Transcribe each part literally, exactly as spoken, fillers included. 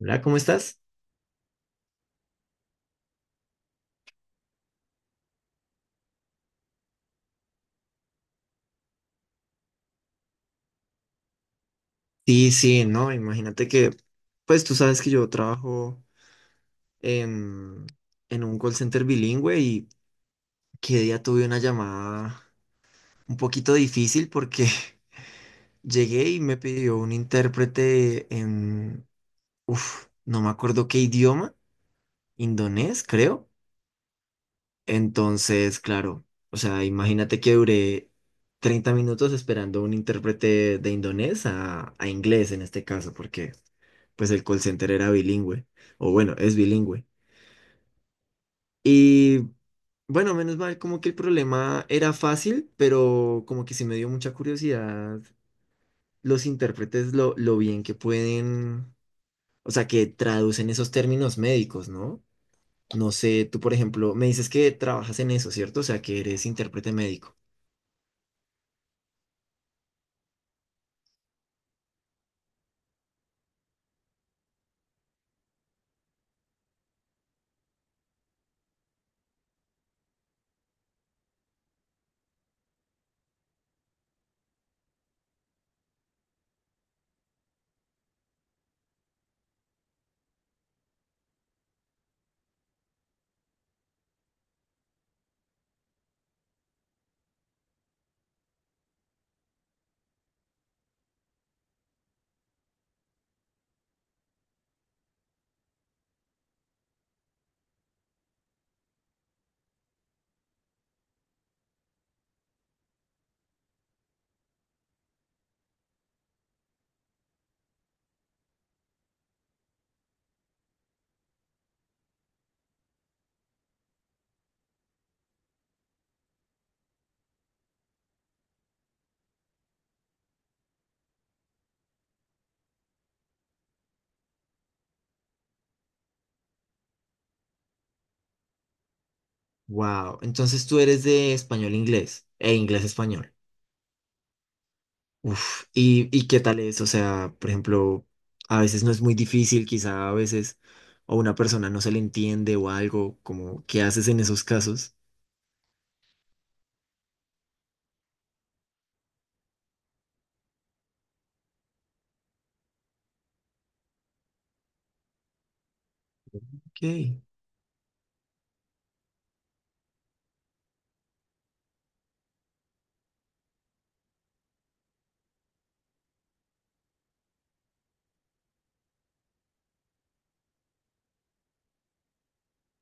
Hola, ¿cómo estás? Sí, sí, no, imagínate que, pues tú sabes que yo trabajo en, en un call center bilingüe y que día tuve una llamada un poquito difícil porque llegué y me pidió un intérprete en, uff, no me acuerdo qué idioma, indonés, creo. Entonces, claro, o sea, imagínate que duré treinta minutos esperando un intérprete de indonés a, a inglés en este caso, porque pues el call center era bilingüe, o bueno, es bilingüe. Y bueno, menos mal, como que el problema era fácil, pero como que sí me dio mucha curiosidad los intérpretes, lo, lo bien que pueden, o sea, que traducen esos términos médicos, ¿no? No sé, tú por ejemplo, me dices que trabajas en eso, ¿cierto? O sea, que eres intérprete médico. Wow, entonces tú eres de español-inglés e inglés-español. Uf, ¿y, y qué tal es? O sea, por ejemplo, a veces no es muy difícil, quizá a veces, o una persona no se le entiende o algo, como, ¿qué haces en esos casos? Ok,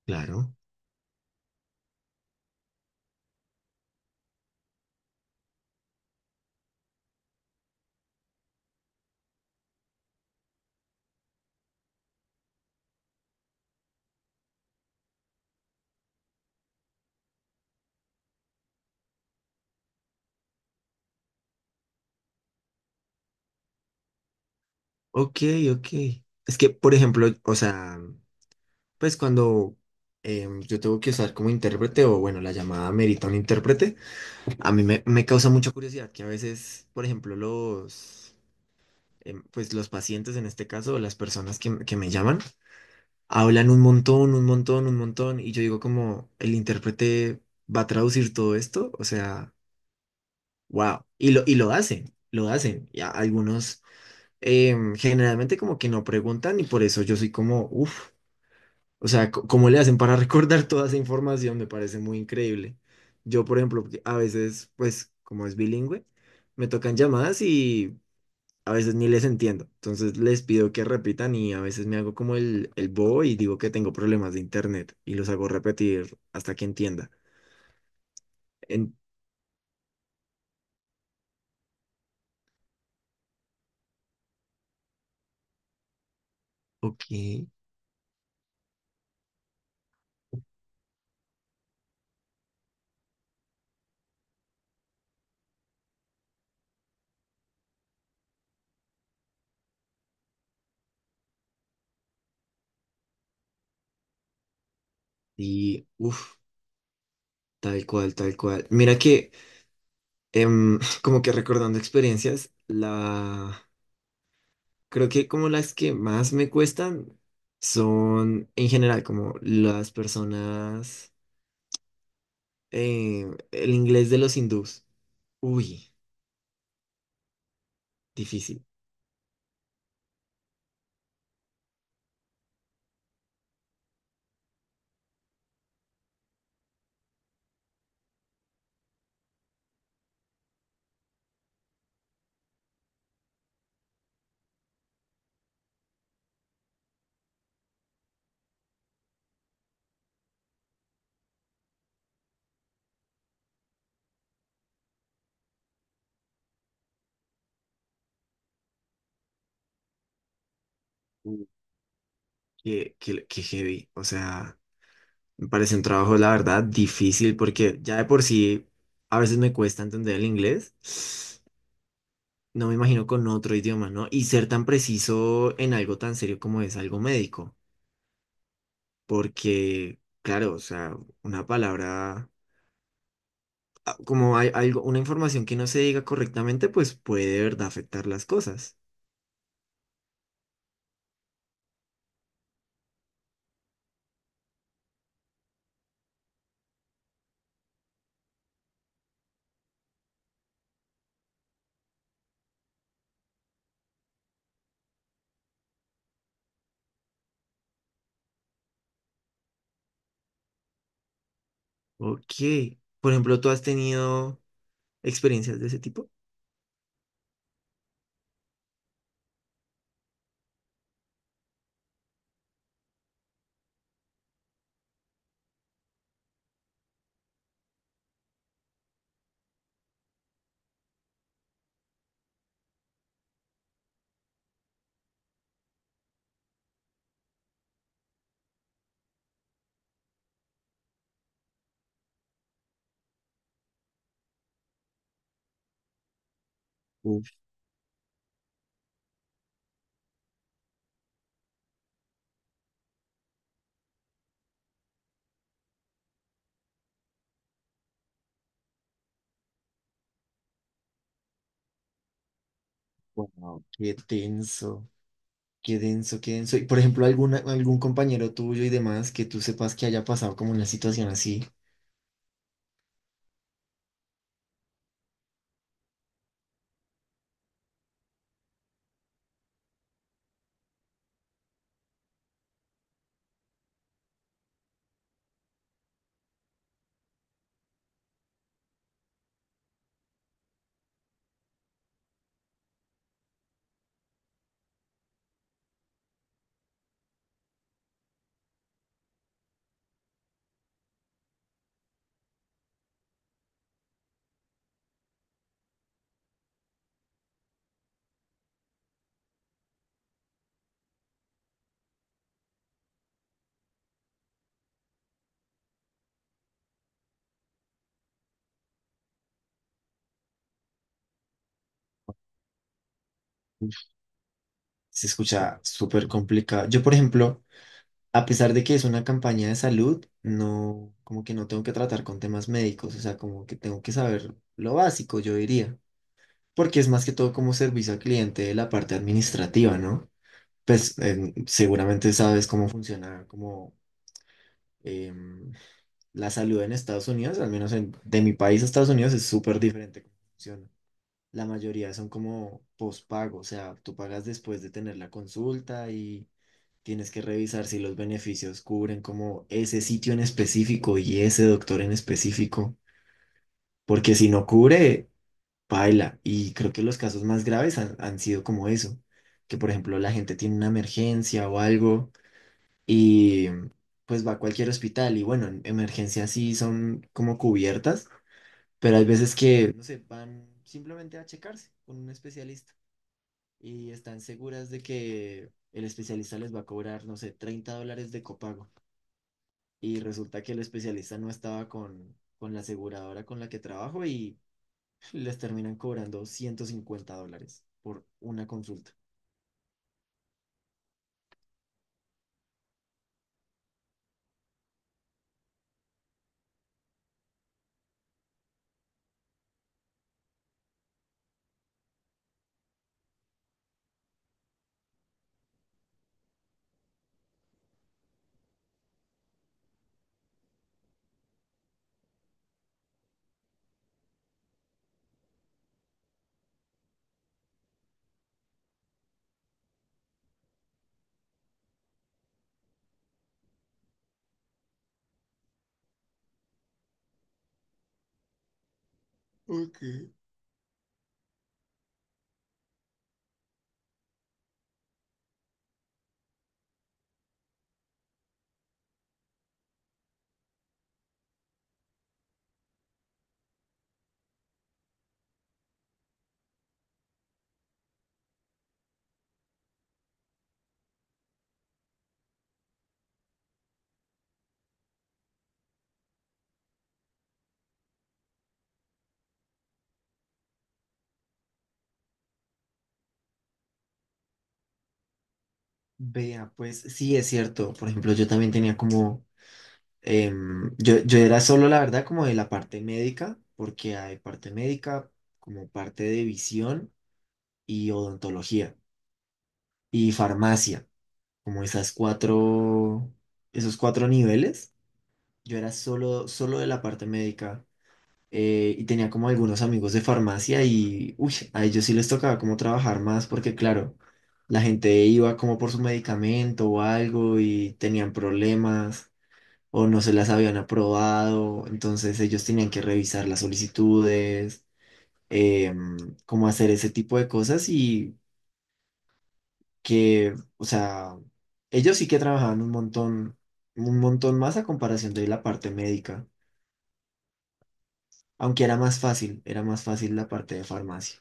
claro. Ok, ok. Es que, por ejemplo, o sea, pues cuando em, yo tengo que usar como intérprete, o bueno, la llamada merita un intérprete, a mí me, me causa mucha curiosidad que a veces, por ejemplo, los... em, pues los pacientes en este caso, o las personas que, que me llaman, hablan un montón, un montón, un montón, y yo digo como, el intérprete va a traducir todo esto, o sea, wow, y lo, y lo hacen, lo hacen, y a- algunos em, generalmente como que no preguntan y por eso yo soy como, uff, o sea, co- ¿cómo le hacen para recordar toda esa información? Me parece muy increíble. Yo, por ejemplo, porque a veces, pues, como es bilingüe, me tocan llamadas y a veces ni les entiendo. Entonces les pido que repitan y a veces me hago como el, el bobo y digo que tengo problemas de internet y los hago repetir hasta que entienda. En, ok, y uff, tal cual, tal cual. Mira que em, como que recordando experiencias, la creo que como las que más me cuestan son en general como las personas, eh, el inglés de los hindús. Uy, difícil. Uy, qué, qué, qué heavy. O sea, me parece un trabajo, la verdad, difícil porque ya de por sí a veces me cuesta entender el inglés. No me imagino con otro idioma, ¿no? Y ser tan preciso en algo tan serio como es algo médico. Porque, claro, o sea, una palabra, ah, como hay algo, una información que no se diga correctamente, pues puede de verdad afectar las cosas. Ok. Por ejemplo, ¿tú has tenido experiencias de ese tipo? Uf, wow, qué tenso. Qué denso, qué denso. Y por ejemplo, alguna, algún compañero tuyo y demás que tú sepas que haya pasado como una situación así, uf, se escucha súper complicado. Yo, por ejemplo, a pesar de que es una campaña de salud, no, como que no tengo que tratar con temas médicos, o sea, como que tengo que saber lo básico, yo diría, porque es más que todo como servicio al cliente de la parte administrativa, ¿no? Pues em, seguramente sabes cómo funciona como em, la salud en Estados Unidos, al menos en- de mi país a Estados Unidos es súper diferente cómo funciona. La mayoría son como postpago, o sea, tú pagas después de tener la consulta y tienes que revisar si los beneficios cubren como ese sitio en específico y ese doctor en específico, porque si no cubre, paila. Y creo que los casos más graves han, han sido como eso, que por ejemplo la gente tiene una emergencia o algo y pues va a cualquier hospital y bueno, en- emergencias sí son como cubiertas, pero hay veces que, no sé, van simplemente a checarse con un especialista. Y están seguras de que el especialista les va a cobrar, no sé, treinta dólares de copago. Y resulta que el especialista no estaba con, con la aseguradora con la que trabajo y les terminan cobrando ciento cincuenta dólares por una consulta. Ok. Vea, pues sí es cierto. Por ejemplo, yo también tenía como, em, yo, yo era solo la verdad como de la parte médica, porque hay parte médica como parte de visión y odontología y farmacia. Como esas cuatro, esos cuatro niveles. Yo era solo, solo de la parte médica eh, y tenía como algunos amigos de farmacia y, uy, a ellos sí les tocaba como trabajar más porque, claro, la gente iba como por su medicamento o algo y tenían problemas o no se las habían aprobado, entonces ellos tenían que revisar las solicitudes, em, como hacer ese tipo de cosas y que, o sea, ellos sí que trabajaban un montón, un montón más a comparación de la parte médica, aunque era más fácil, era más fácil la parte de farmacia.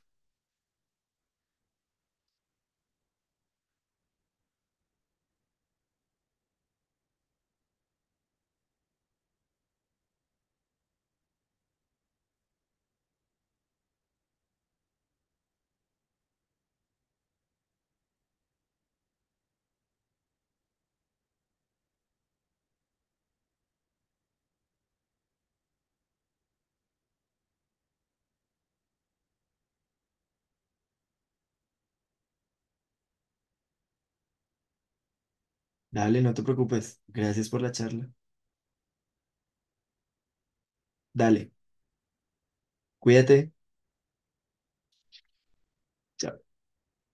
Dale, no te preocupes. Gracias por la charla. Dale, cuídate. Chao.